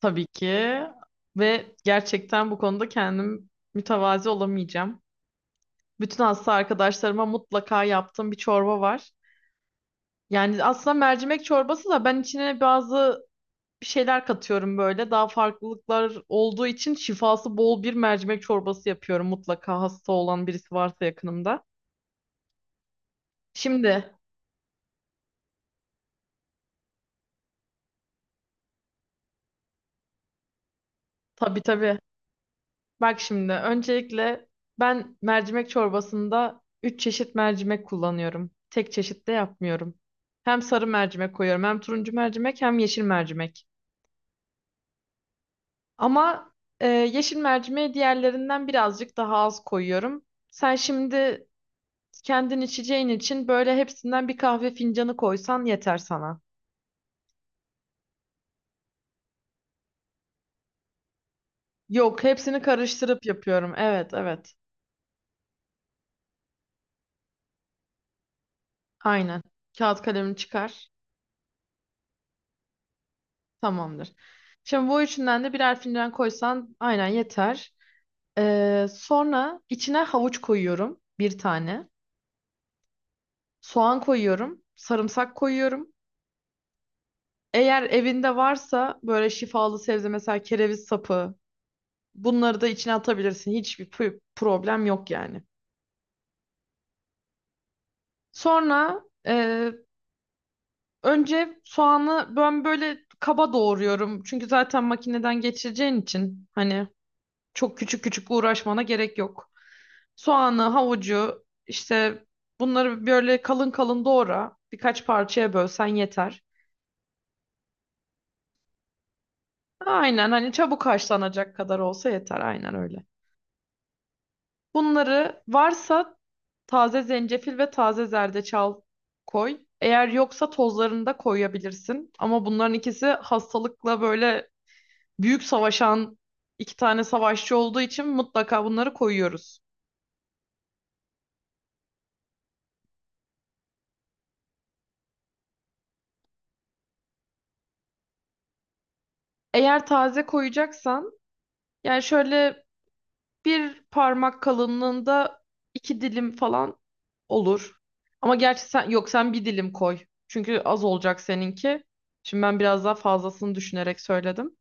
Tabii ki. Ve gerçekten bu konuda kendim mütevazi olamayacağım. Bütün hasta arkadaşlarıma mutlaka yaptığım bir çorba var. Yani aslında mercimek çorbası da ben içine bazı bir şeyler katıyorum böyle. Daha farklılıklar olduğu için şifası bol bir mercimek çorbası yapıyorum mutlaka hasta olan birisi varsa yakınımda. Şimdi, tabii tabii. Bak şimdi, öncelikle ben mercimek çorbasında 3 çeşit mercimek kullanıyorum. Tek çeşit de yapmıyorum. Hem sarı mercimek koyuyorum, hem turuncu mercimek, hem yeşil mercimek. Ama yeşil mercimeği diğerlerinden birazcık daha az koyuyorum. Sen şimdi kendin içeceğin için böyle hepsinden bir kahve fincanı koysan yeter sana. Yok, hepsini karıştırıp yapıyorum. Evet, evet. Aynen. Kağıt kalemini çıkar. Tamamdır. Şimdi bu üçünden de birer fincan koysan aynen yeter. Sonra içine havuç koyuyorum bir tane. Soğan koyuyorum. Sarımsak koyuyorum. Eğer evinde varsa böyle şifalı sebze mesela kereviz sapı bunları da içine atabilirsin. Hiçbir problem yok yani. Sonra e, önce soğanı ben böyle kaba doğruyorum. Çünkü zaten makineden geçireceğin için hani çok küçük küçük uğraşmana gerek yok. Soğanı, havucu, işte bunları böyle kalın kalın doğra. Birkaç parçaya bölsen yeter. Aynen, hani çabuk haşlanacak kadar olsa yeter. Aynen öyle. Bunları varsa taze zencefil ve taze zerdeçal koy. Eğer yoksa tozlarını da koyabilirsin. Ama bunların ikisi hastalıkla böyle büyük savaşan iki tane savaşçı olduğu için mutlaka bunları koyuyoruz. Eğer taze koyacaksan yani şöyle bir parmak kalınlığında 2 dilim falan olur. Ama gerçi sen, yok sen bir dilim koy. Çünkü az olacak seninki. Şimdi ben biraz daha fazlasını düşünerek söyledim.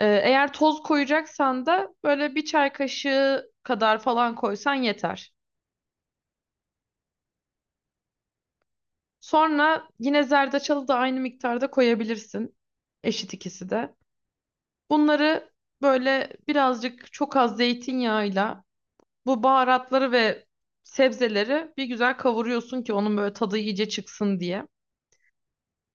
Eğer toz koyacaksan da böyle bir çay kaşığı kadar falan koysan yeter. Sonra yine zerdeçalı da aynı miktarda koyabilirsin. Eşit ikisi de. Bunları böyle birazcık çok az zeytinyağıyla bu baharatları ve sebzeleri bir güzel kavuruyorsun ki onun böyle tadı iyice çıksın diye.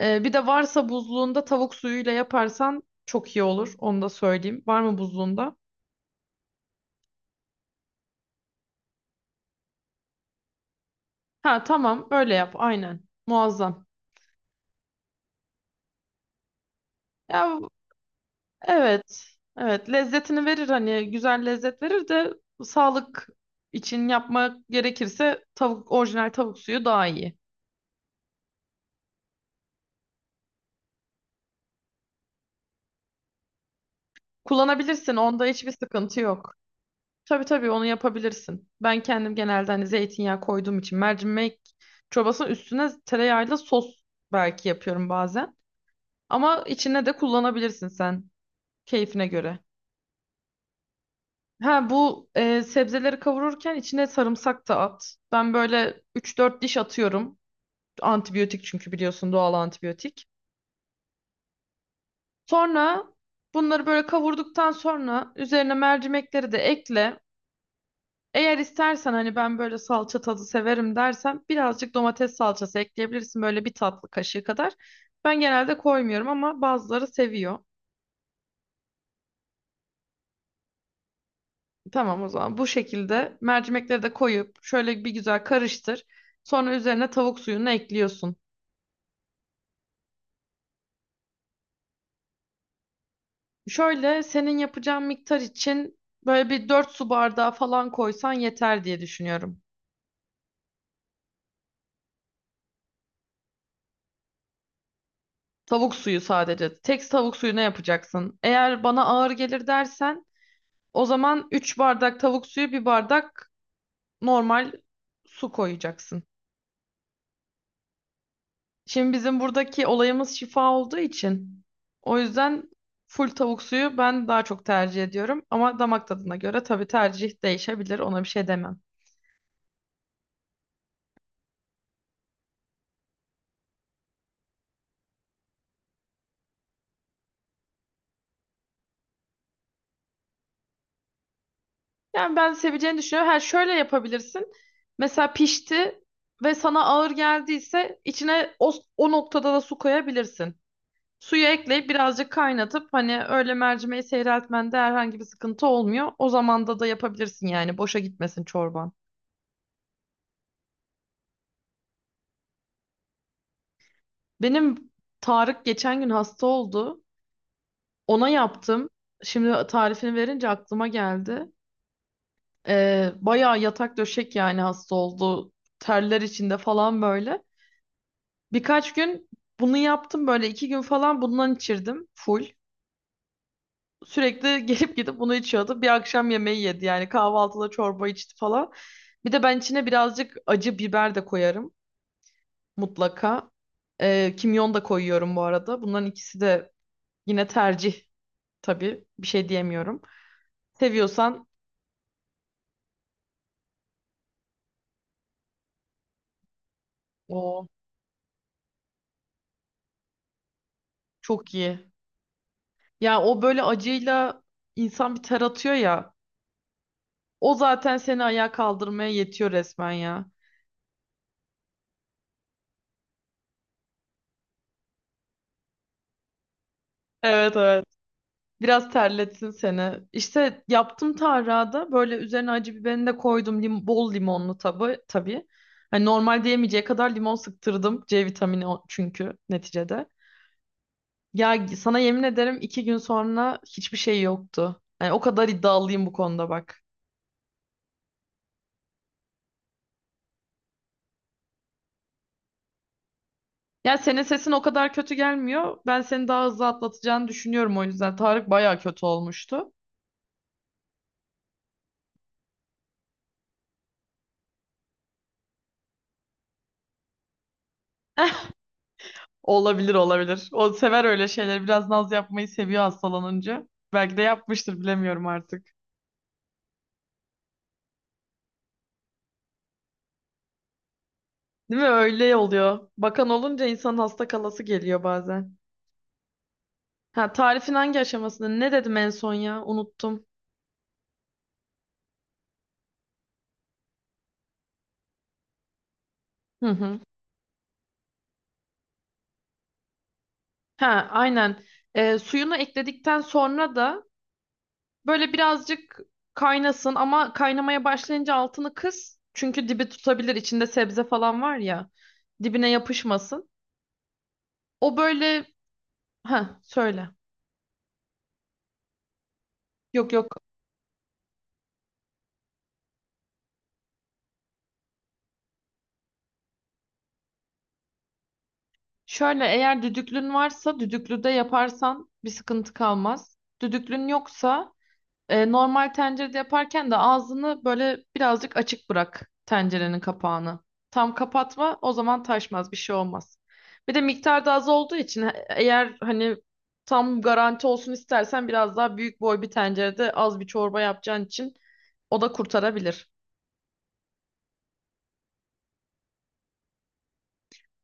Bir de varsa buzluğunda tavuk suyuyla yaparsan çok iyi olur. Onu da söyleyeyim. Var mı buzluğunda? Ha, tamam öyle yap aynen. Muazzam. Ya, evet. Evet, lezzetini verir, hani güzel lezzet verir de sağlık için yapmak gerekirse tavuk, orijinal tavuk suyu daha iyi. Kullanabilirsin, onda hiçbir sıkıntı yok. Tabii tabii, onu yapabilirsin. Ben kendim genelde hani zeytinyağı koyduğum için mercimek çorbasının üstüne tereyağıyla sos belki yapıyorum bazen. Ama içine de kullanabilirsin sen, keyfine göre. Ha, bu sebzeleri kavururken içine sarımsak da at. Ben böyle 3-4 diş atıyorum. Antibiyotik çünkü, biliyorsun, doğal antibiyotik. Sonra bunları böyle kavurduktan sonra üzerine mercimekleri de ekle. Eğer istersen hani ben böyle salça tadı severim dersen birazcık domates salçası ekleyebilirsin, böyle bir tatlı kaşığı kadar. Ben genelde koymuyorum ama bazıları seviyor. Tamam, o zaman bu şekilde mercimekleri de koyup şöyle bir güzel karıştır. Sonra üzerine tavuk suyunu ekliyorsun. Şöyle, senin yapacağın miktar için böyle bir 4 su bardağı falan koysan yeter diye düşünüyorum. Tavuk suyu sadece. Tek tavuk suyuna yapacaksın. Eğer bana ağır gelir dersen o zaman 3 bardak tavuk suyu, bir bardak normal su koyacaksın. Şimdi bizim buradaki olayımız şifa olduğu için o yüzden full tavuk suyu ben daha çok tercih ediyorum. Ama damak tadına göre tabii tercih değişebilir, ona bir şey demem. Yani ben seveceğini düşünüyorum. Ha, şöyle yapabilirsin. Mesela pişti ve sana ağır geldiyse içine o noktada da su koyabilirsin. Suyu ekleyip birazcık kaynatıp hani öyle mercimeği seyreltmende herhangi bir sıkıntı olmuyor. O zamanda da yapabilirsin yani, boşa gitmesin çorban. Benim Tarık geçen gün hasta oldu. Ona yaptım. Şimdi tarifini verince aklıma geldi. Bayağı yatak döşek yani hasta oldu. Terler içinde falan böyle. Birkaç gün bunu yaptım, böyle 2 gün falan bundan içirdim full. Sürekli gelip gidip bunu içiyordu. Bir akşam yemeği yedi yani, kahvaltıda çorba içti falan. Bir de ben içine birazcık acı biber de koyarım mutlaka. Kimyon da koyuyorum bu arada. Bunların ikisi de yine tercih. Tabii bir şey diyemiyorum. Seviyorsan o çok iyi. Ya o böyle acıyla insan bir ter atıyor ya. O zaten seni ayağa kaldırmaya yetiyor resmen ya. Evet, evet. Biraz terletsin seni. İşte yaptım tarhana, böyle üzerine acı biberini de koydum. Bol limonlu tabi tabii. Hani normalde yemeyeceği kadar limon sıktırdım. C vitamini çünkü neticede. Ya sana yemin ederim 2 gün sonra hiçbir şey yoktu. Hani o kadar iddialıyım bu konuda, bak. Ya senin sesin o kadar kötü gelmiyor. Ben seni daha hızlı atlatacağını düşünüyorum o yüzden. Tarık bayağı kötü olmuştu. Olabilir, olabilir. O sever öyle şeyleri. Biraz naz yapmayı seviyor hastalanınca. Belki de yapmıştır, bilemiyorum artık. Değil mi? Öyle oluyor. Bakan olunca insanın hasta kalası geliyor bazen. Ha, tarifin hangi aşamasında? Ne dedim en son ya? Unuttum. Hı hı. Ha, aynen. Suyunu ekledikten sonra da böyle birazcık kaynasın ama kaynamaya başlayınca altını kıs. Çünkü dibi tutabilir. İçinde sebze falan var ya. Dibine yapışmasın. O böyle, ha söyle. Yok, yok. Şöyle, eğer düdüklün varsa düdüklüde yaparsan bir sıkıntı kalmaz. Düdüklün yoksa, normal tencerede yaparken de ağzını böyle birazcık açık bırak tencerenin kapağını. Tam kapatma, o zaman taşmaz, bir şey olmaz. Bir de miktar da az olduğu için eğer hani tam garanti olsun istersen biraz daha büyük boy bir tencerede az bir çorba yapacağın için o da kurtarabilir.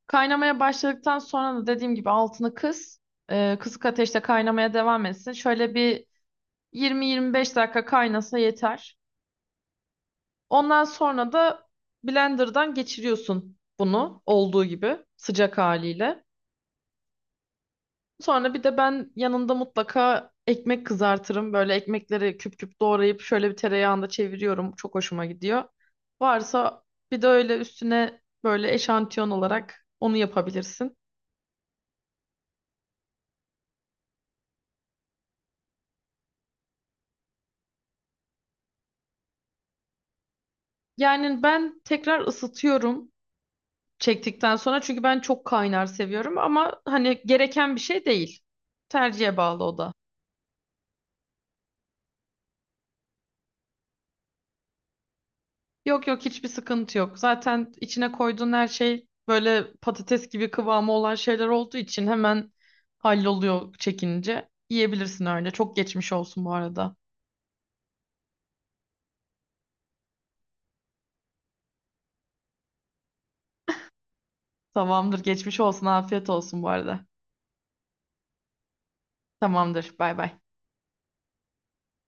Kaynamaya başladıktan sonra da dediğim gibi altını kıs. Kısık ateşte kaynamaya devam etsin. Şöyle bir 20-25 dakika kaynasa yeter. Ondan sonra da blenderdan geçiriyorsun bunu olduğu gibi sıcak haliyle. Sonra bir de ben yanında mutlaka ekmek kızartırım. Böyle ekmekleri küp küp doğrayıp şöyle bir tereyağında çeviriyorum. Çok hoşuma gidiyor. Varsa bir de öyle üstüne böyle eşantiyon olarak onu yapabilirsin. Yani ben tekrar ısıtıyorum çektikten sonra çünkü ben çok kaynar seviyorum, ama hani gereken bir şey değil. Tercihe bağlı o da. Yok, yok, hiçbir sıkıntı yok. Zaten içine koyduğun her şey böyle patates gibi kıvamı olan şeyler olduğu için hemen halloluyor çekince. Yiyebilirsin öyle. Çok geçmiş olsun bu arada. Tamamdır, geçmiş olsun. Afiyet olsun bu arada. Tamamdır. Bay bay.